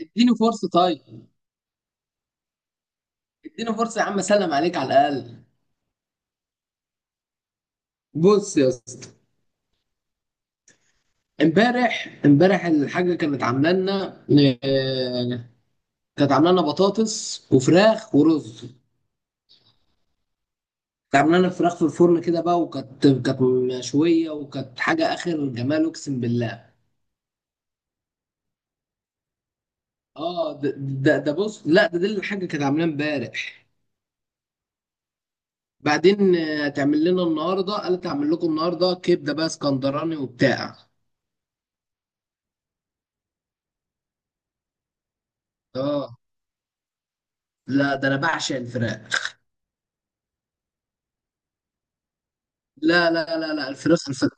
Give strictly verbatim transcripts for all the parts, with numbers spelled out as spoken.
اديني فرصه طيب. اديني فرصه يا عم، اسلم عليك على الاقل. بص يا اسطى. امبارح امبارح الحاجه كانت عامله لنا آه، كانت عامله لنا بطاطس وفراخ ورز. كانت عامله لنا فراخ في الفرن كده بقى، وكانت كانت مشويه، وكانت حاجه اخر جمال، اقسم بالله. اه، ده ده, ده بص. لا، ده دي الحاجه كانت عاملاه امبارح. بعدين آه، هتعمل لنا النهارده. قالت هعمل لكم النهارده كبده بقى اسكندراني وبتاع. اه. لا ده انا بعشق الفراخ. لا لا لا لا، الفراخ الفراخ.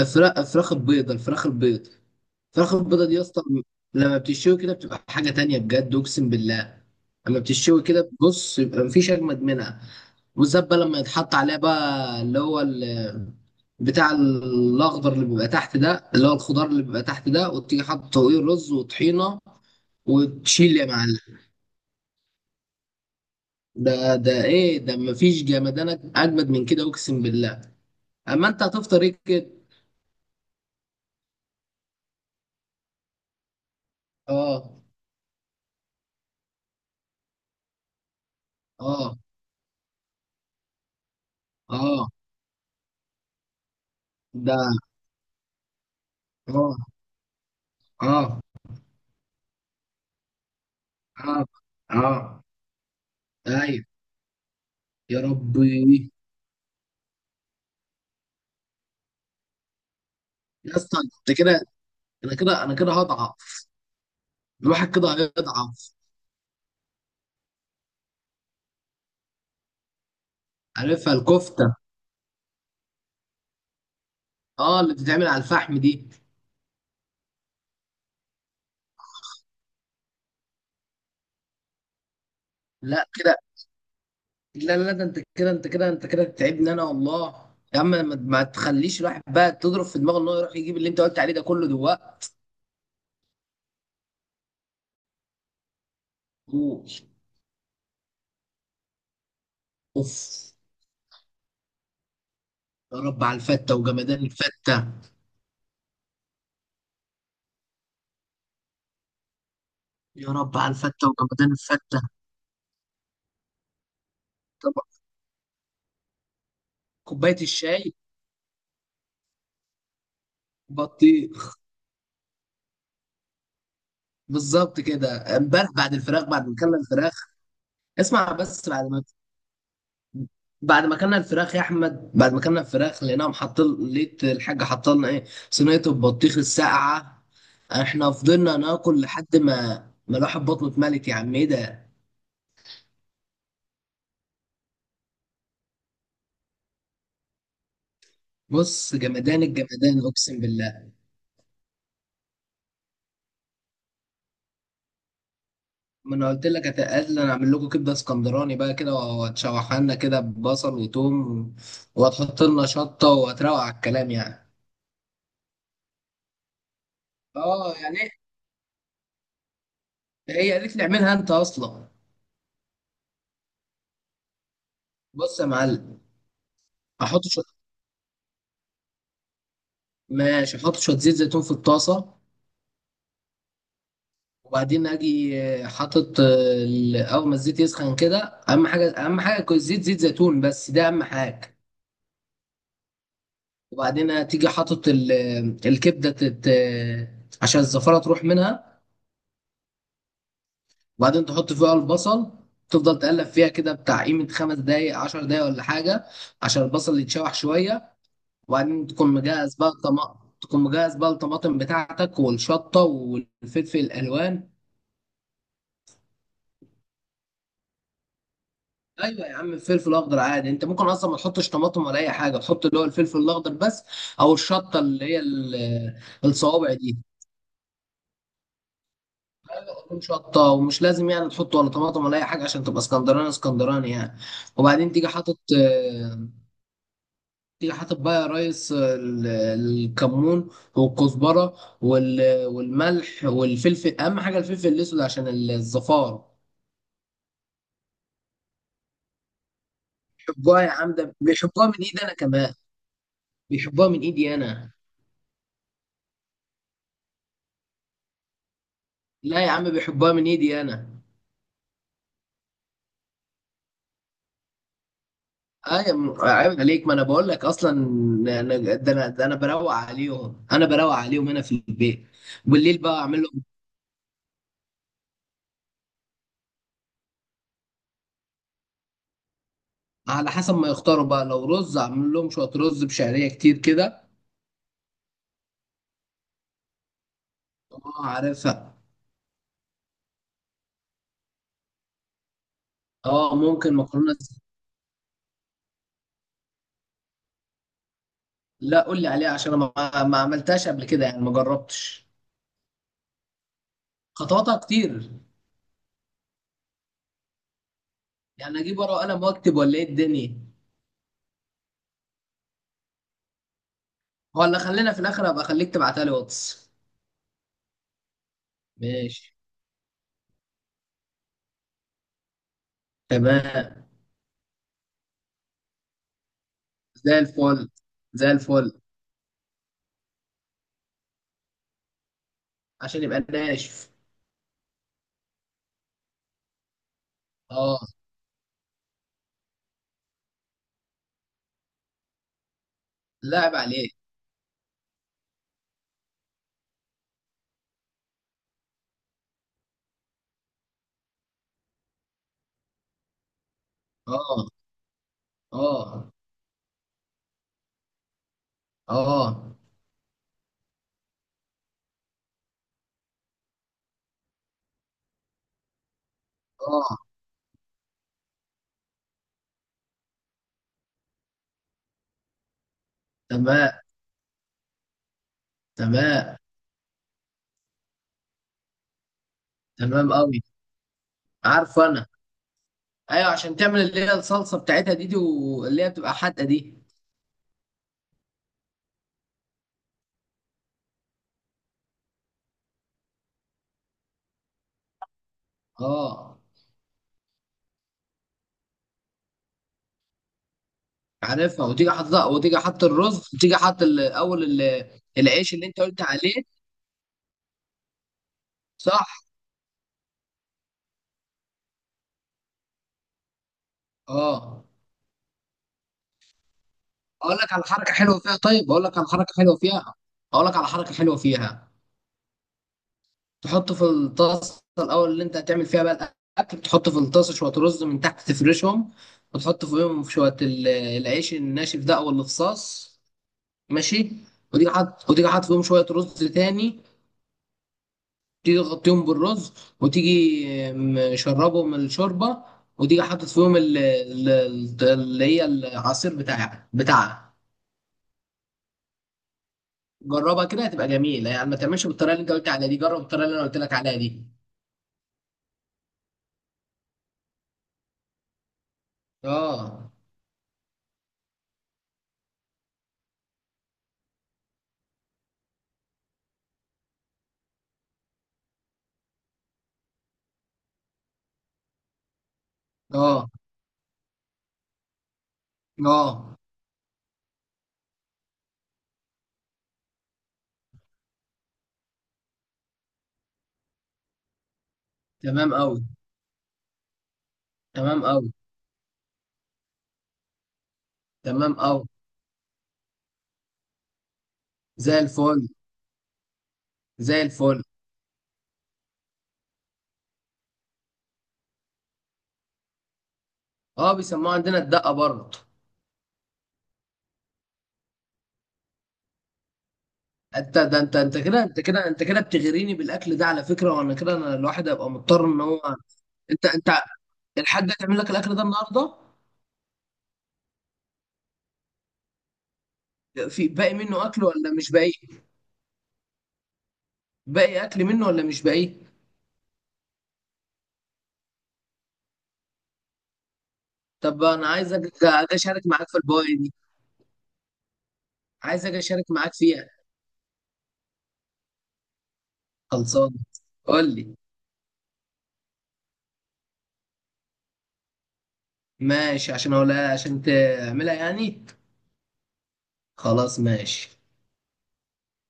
الفراخ الفراخ البيضة. الفراخ البيض. الفراخ البيضة دي يا اسطى. لما بتشوي كده بتبقى حاجة تانية، بجد أقسم بالله. لما بتشوي كده، بص، يبقى مفيش أجمد منها. بالذات بقى لما يتحط عليها بقى، اللي هو ال- بتاع الأخضر اللي بيبقى تحت ده، اللي هو الخضار اللي بيبقى تحت ده، وتيجي حاطط فوقيه رز وطحينة، وتشيل يا معلم. ده ده إيه ده؟ مفيش جمدانك أجمد من كده، أقسم بالله. أما أنت هتفطر إيه كده؟ آه. آه. اه. ده. اه. اه. اه. اه. ايوه. يا ربي، يا اسطى انت كده، انا كده انا كده هضعف. الواحد كده هيضعف. عارفها الكفته. اه، اللي بتتعمل على الفحم دي. لا كده. لا لا، ده انت كده انت كده انت كده بتتعبني انا، والله. يا عم، ما ما تخليش الواحد بقى تضرب في دماغه ان هو يروح يجيب اللي انت قلت عليه ده كله دلوقتي. اوف. يا رب على الفته وجمدان الفته. يا رب على الفته وجمدان الفته. طب كوبايه الشاي. بطيخ. بالظبط كده، امبارح بعد الفراخ، بعد ما اكلنا الفراخ. اسمع بس، بعد ما بعد ما اكلنا الفراخ يا احمد. بعد ما اكلنا الفراخ لقيناهم حاطين. لقيت الحاجه حاطه لنا ايه؟ صينيه البطيخ الساقعه. احنا فضلنا ناكل لحد ما ما الواحد بطنه اتملت. يا عم ايه ده. بص، جمدان الجمدان، اقسم بالله. ما انا قلت لك، هتقل انا اعمل لكم كبده اسكندراني بقى كده، وهتشوحها لنا كده ببصل وتوم، وهتحط لنا شطه وهتروق على الكلام يعني. اه يعني، هي قالت لي اعملها انت اصلا. بص يا معلم. احط شويه. ماشي. احط شويه زيت زيتون في الطاسه. وبعدين اجي آه، حاطط آه، ال- اول ما الزيت يسخن كده. اهم حاجه اهم حاجه يكون الزيت زيت زيتون بس، ده اهم حاجه. وبعدين تيجي حاطط ال- آه، الكبده تت... آه، عشان الزفره تروح منها. وبعدين تحط فيها البصل، تفضل تقلب فيها كده بتاع قيمه خمس دقايق عشر دقايق ولا حاجه، عشان البصل يتشوح شويه. وبعدين تكون مجهز بقى الطماطم تكون مجهز بقى الطماطم بتاعتك والشطة والفلفل الألوان. أيوة يا عم، الفلفل الأخضر عادي. أنت ممكن أصلا ما تحطش طماطم ولا أي حاجة، تحط اللي هو الفلفل الأخضر بس. أو الشطة اللي هي ال- الصوابع دي، تكون شطة. ومش لازم يعني تحط ولا طماطم ولا أي حاجة عشان تبقى اسكندراني اسكندراني يعني. وبعدين تيجي حاطط آه، تيجي حاطط بقى يا ريس آه، ال- الكمون والكزبرة وال- والملح والفلفل. أهم حاجة الفلفل الأسود عشان الزفار. بيحبوها يا عم، ده بيحبوها من ايدي انا كمان. بيحبوها من ايدي انا. لا يا عم، بيحبوها من ايدي انا. ايوه، عيب عليك، ما انا بقول لك اصلا. أنا- ده انا ده انا بروق عليهم، انا بروق عليهم هنا في البيت. بالليل بقى اعمل لهم، على حسب ما يختاروا بقى. لو رز، اعمل لهم شويه رز بشعريه كتير كده. اه، عارفها. اه، ممكن مكرونه س- لا، قول لي عليها، عشان انا ما ما عملتهاش قبل كده يعني، ما جربتش. خطواتها كتير يعني. اجيب ورقه وقلم واكتب ولا ايه الدنيا؟ ولا خلينا في الاخر ابقى اخليك تبعتها لي واتس. ماشي. تمام. زي الفل. زي الفل. عشان يبقى ناشف. اه. لعب عليك. اه. اه. اه. اه. تمام. تمام. تمام قوي. عارفه انا. ايوه، عشان تعمل اللي هي الصلصه بتاعتها دي, دي، واللي هي بتبقى حادقه دي. اه عارفها. وتيجي حاطط وتيجي حاط الرز، وتيجي حاط ال- اول ال- العيش اللي انت قلت عليه. صح. اه. اقول لك على حركه حلوه فيها، طيب. اقول لك على حركه حلوه فيها. اقول لك على حركه حلوه فيها. تحط في الطاسه الاول اللي انت هتعمل فيها بقى الاكل. تحط في الطاسه شويه رز من تحت، تفرشهم. وتحط فوقهم شويه ال- العيش الناشف ده او الخصاص. ماشي. وتيجي حاطط وتيجي حاطط فيهم شويه رز تاني. تيجي تغطيهم بالرز. وتيجي مشربهم الشوربه. وتيجي حاطط فيهم ال- ال- ال- اللي هي العصير بتاع بتاعها. جربها كده هتبقى جميله يعني. ما تعملش بالطريقه اللي انت قلت عليها دي، جرب الطريقه اللي انا قلت لك عليها دي. اه. اه. اه. تمام قوي. تمام قوي. تمام قوي. زي الفل. زي الفل. اه، بيسموها عندنا الدقه برضه. انت ده انت انت كده، انت كده انت كده بتغريني بالاكل ده على فكره. وانا كده انا الواحد هيبقى مضطر ان هو انت انت الحاجه هتعمل لك الاكل ده النهارده. في باقي منه اكل ولا مش باقي؟ باقي اكل منه ولا مش باقي؟ طب انا عايز أج- اجي اشارك معاك في البواقي دي. عايز اجي اشارك معاك فيها. خلصان. قول لي. ماشي، عشان اقولها عشان تعملها يعني. خلاص، ماشي.